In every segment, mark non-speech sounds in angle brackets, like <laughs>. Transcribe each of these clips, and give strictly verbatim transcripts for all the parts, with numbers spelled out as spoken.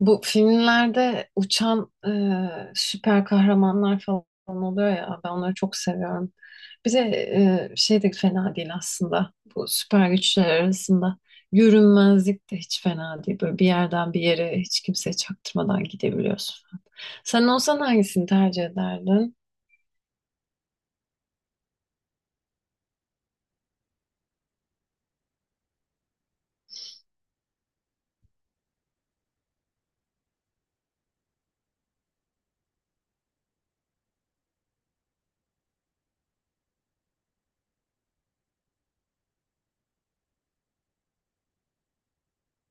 Bu filmlerde uçan e, süper kahramanlar falan oluyor ya, ben onları çok seviyorum. Bir de e, şey de fena değil aslında bu süper güçler arasında. Görünmezlik de hiç fena değil. Böyle bir yerden bir yere hiç kimseye çaktırmadan gidebiliyorsun falan. Sen olsan hangisini tercih ederdin?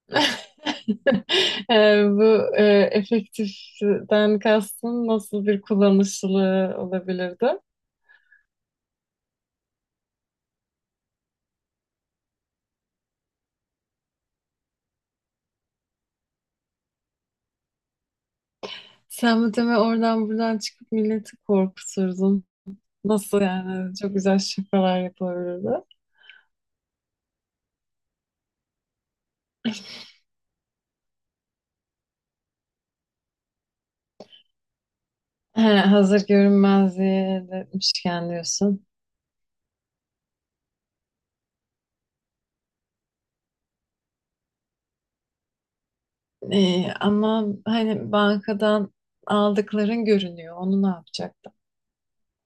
<laughs> E, bu e, efektiften kastın nasıl bir kullanışlılığı olabilirdi? Sen bu deme oradan buradan çıkıp milleti korkuturdun. Nasıl yani? Çok güzel şakalar yapılabilirdi. He, hazır görünmezliğe de etmişken diyorsun. Ee, ama hani bankadan aldıkların görünüyor. Onu ne yapacaktın?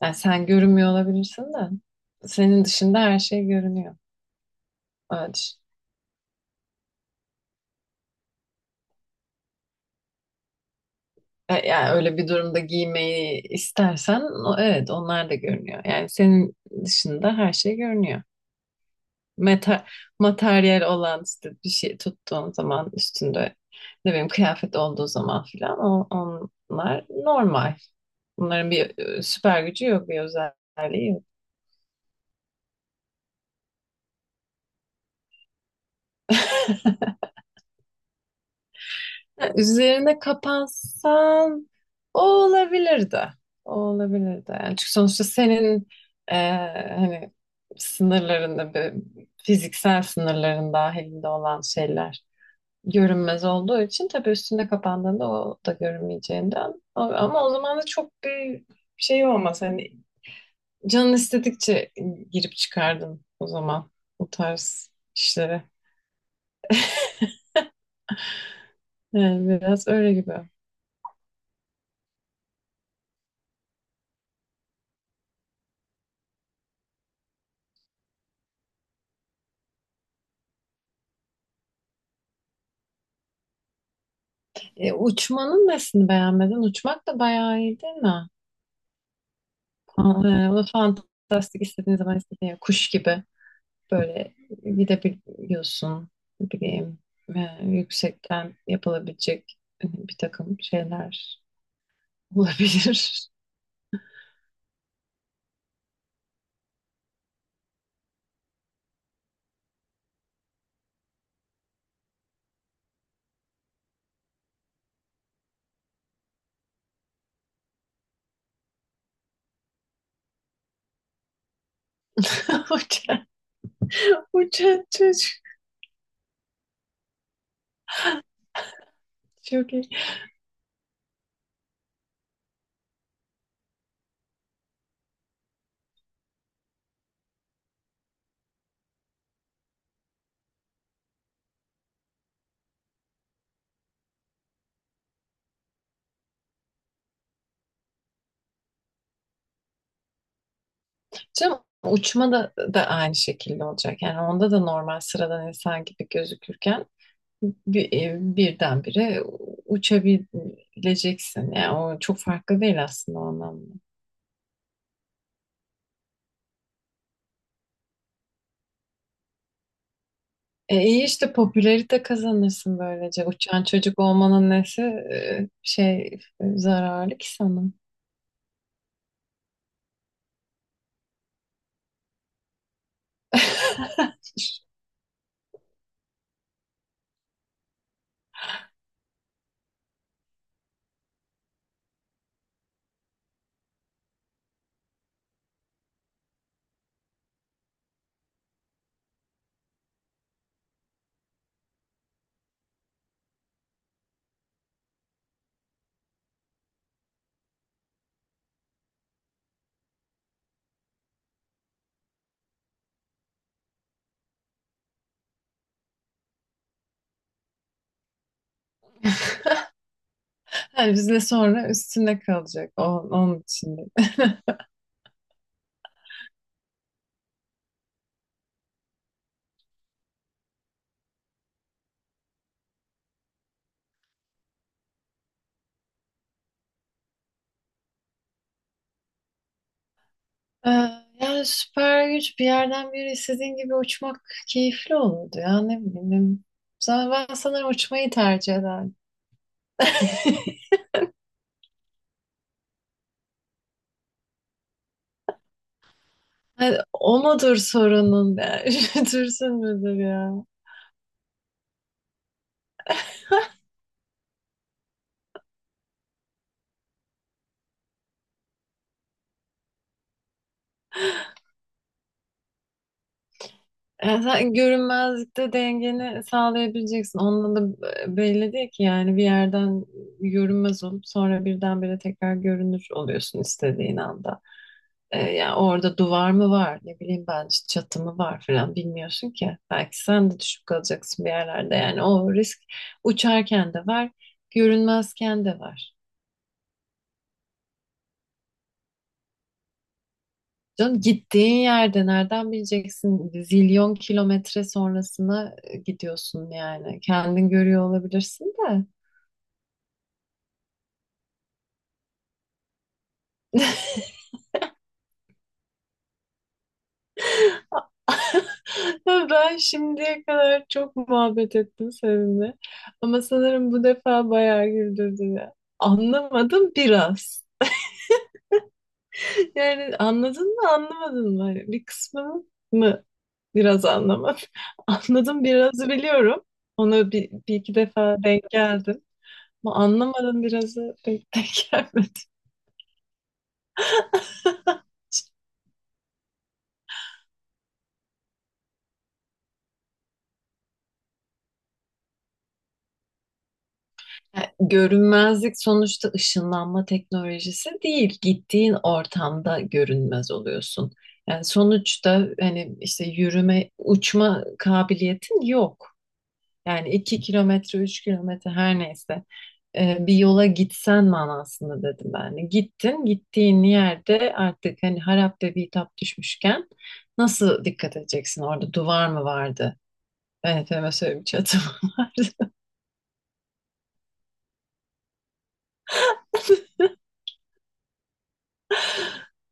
Yani sen görünmüyor olabilirsin de. Senin dışında her şey görünüyor. Öyle düşün. E, Yani öyle bir durumda giymeyi istersen o- evet, onlar da görünüyor. Yani senin dışında her şey görünüyor. Meta materyal olan işte bir şey tuttuğun zaman, üstünde ne bileyim kıyafet olduğu zaman filan o, onlar normal. Bunların bir e, süper gücü yok, bir özelliği yok. <laughs> Üzerine kapansan o olabilirdi. O olabilirdi. Yani, çünkü sonuçta senin e, hani sınırlarında, bir- fiziksel sınırların dahilinde olan şeyler. Görünmez olduğu için tabii üstünde kapandığında o da görünmeyeceğinden. O- Ama o zaman da çok bir şey olmaz. Hani canın istedikçe girip çıkardın o zaman bu tarz işlere. Yani biraz öyle gibi. E, uçmanın nesini beğenmedin? Uçmak da bayağı iyi değil mi? Fa- e, Onu fantastik, istediğin zaman istediğin kuş gibi böyle gidebiliyorsun. Ne bileyim e, yüksekten yapılabilecek e, bir takım şeyler. Olabilir. <laughs> Uçan, uçan çocuk. Çok iyi. Canım, uçma da, da aynı şekilde olacak. Yani onda da normal sıradan insan gibi gözükürken bir, e, birdenbire uçabileceksin. Yani o çok farklı değil aslında o anlamda. E iyi, işte popülerite kazanırsın böylece. Uçan çocuk olmanın nesi e, şey e, zararlı ki sana? <laughs> Yani bizle sonra üstüne kalacak o- onun için de. Ee, yani süper güç, bir yerden bir yere istediğin gibi uçmak keyifli olurdu ya, ne bileyim. Sa- Ben sanırım uçmayı tercih ederdim. Hani o mudur sorunun yani? <laughs> Düşünsün müdür ya? Yani sen görünmezlikte dengeni sağlayabileceksin. Onunla da b- belli değil ki yani, bir yerden görünmez olup sonra birdenbire tekrar görünür oluyorsun istediğin anda. E, yani orada duvar mı var, ne bileyim ben, işte çatı mı var falan, bilmiyorsun ki. Belki sen de düşüp kalacaksın bir yerlerde, yani o risk uçarken de var, görünmezken de var. Canım, gittiğin yerde nereden bileceksin zilyon kilometre sonrasına e, gidiyorsun yani. Kendin görüyor olabilirsin de. <laughs> Ben şimdiye kadar çok muhabbet ettim seninle. Ama sanırım bu defa bayağı güldürdün ya. Anlamadım biraz. <laughs> Yani anladın mı, anlamadın mı? Hani bir kısmını mı biraz anlamadım. <laughs> Anladım birazı, biliyorum. Ona bir, bir iki defa denk geldim. Ama anlamadım birazı, pek denk gelmedi. E, Görünmezlik sonuçta ışınlanma teknolojisi değil. Gittiğin ortamda görünmez oluyorsun. Yani sonuçta hani işte yürüme, uçma kabiliyetin yok. Yani iki kilometre, üç kilometre, her neyse e, bir yola gitsen manasında dedim ben de. Gittin, gittiğin yerde artık hani harap ve bitap düşmüşken nasıl dikkat edeceksin? Orada duvar mı vardı? Evet, mesela bir çatı mı <laughs> vardı?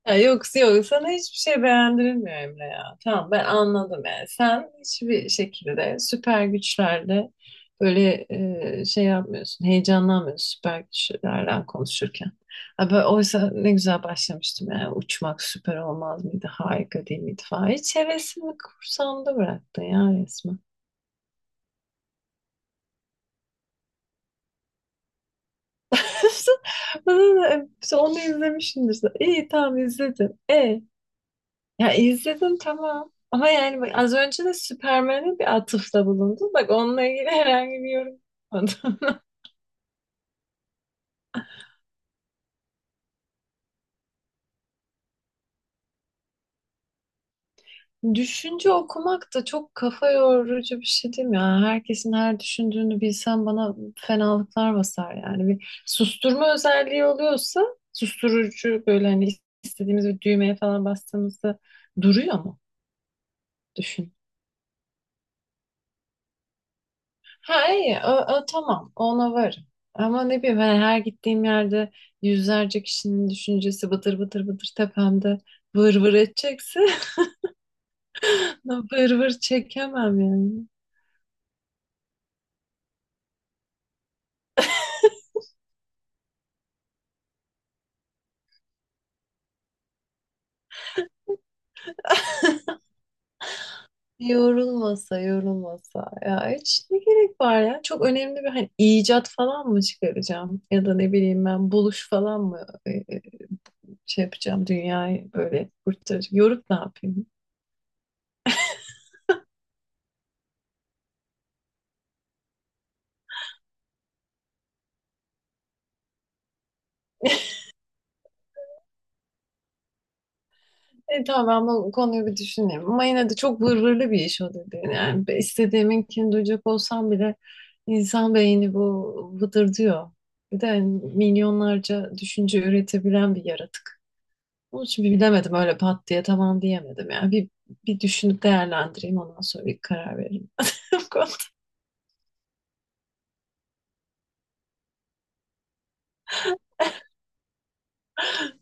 Ya yok, yok, sana hiçbir şey beğendirilmiyor Emre ya. Tamam, ben anladım yani. Sen hiçbir şekilde süper güçlerle böyle e, şey yapmıyorsun. Heyecanlanmıyorsun süper güçlerden konuşurken. Ha, böyle, oysa ne güzel başlamıştım yani. Uçmak süper olmaz mıydı? Harika değil miydi falan. Hiç hevesimi kursamda bıraktın ya resmen. <laughs> Bana da- onu izlemişsindir. İyi, tamam, izledim. E Ya izledim, tamam. Ama yani bak, az önce de Superman'e bir atıfta bulundun. Bak, onunla ilgili <laughs> herhangi bir yorum yapmadım. <laughs> Düşünce okumak da çok kafa yorucu bir şey değil mi ya? Herkesin her düşündüğünü bilsem bana fenalıklar basar yani. Bir susturma özelliği oluyorsa, susturucu böyle hani, istediğimiz bir düğmeye falan bastığımızda duruyor mu? Ha iyi, o, o tamam, ona varım. Ama ne bileyim, hani her gittiğim yerde yüzlerce kişinin düşüncesi bıtır bıtır bıtır tepemde vır vır edecekse <laughs> vır vır çekemem yani. Yorulmasa yorulmasa ya, hiç ne gerek var ya? Çok önemli bir hani icat falan mı çıkaracağım, ya da ne bileyim ben buluş falan mı e, e, şey yapacağım, dünyayı böyle kurtaracağım, yorup ne yapayım? E, tamam, ben bu konuyu bir düşüneyim. Ama yine de çok vırvırlı bir iş o dediğin. Yani be- istediğiminkini duyacak olsam bile insan beyni bu, vıdırdıyor. Bir de milyonlarca düşünce üretebilen bir yaratık. Onun için bir bilemedim, öyle pat diye tamam diyemedim. Yani bir, bir düşünüp değerlendireyim, ondan sonra bir karar veririm. <laughs> Bu konuda.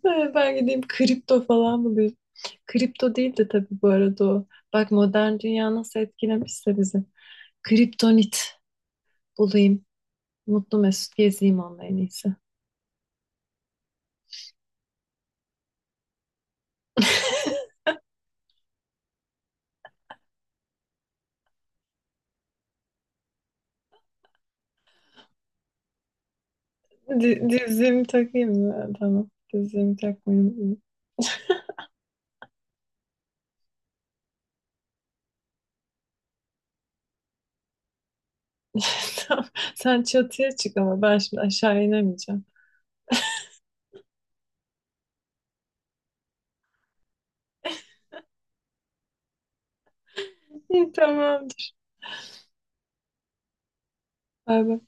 Ee, Ben gideyim kripto falan mı diyeyim? Kripto değil de, tabii, bu arada o. Bak modern dünya nasıl etkilemişse bizi. Kriptonit bulayım. Mutlu mesut gezeyim onunla, en iyisi. <laughs> Di- Dizliğimi takayım mı? Tamam. Dizliğimi takmayayım. <laughs> Tamam. Sen çatıya çık ama ben şimdi aşağı inemeyeceğim. İyi, tamamdır. Bay bay.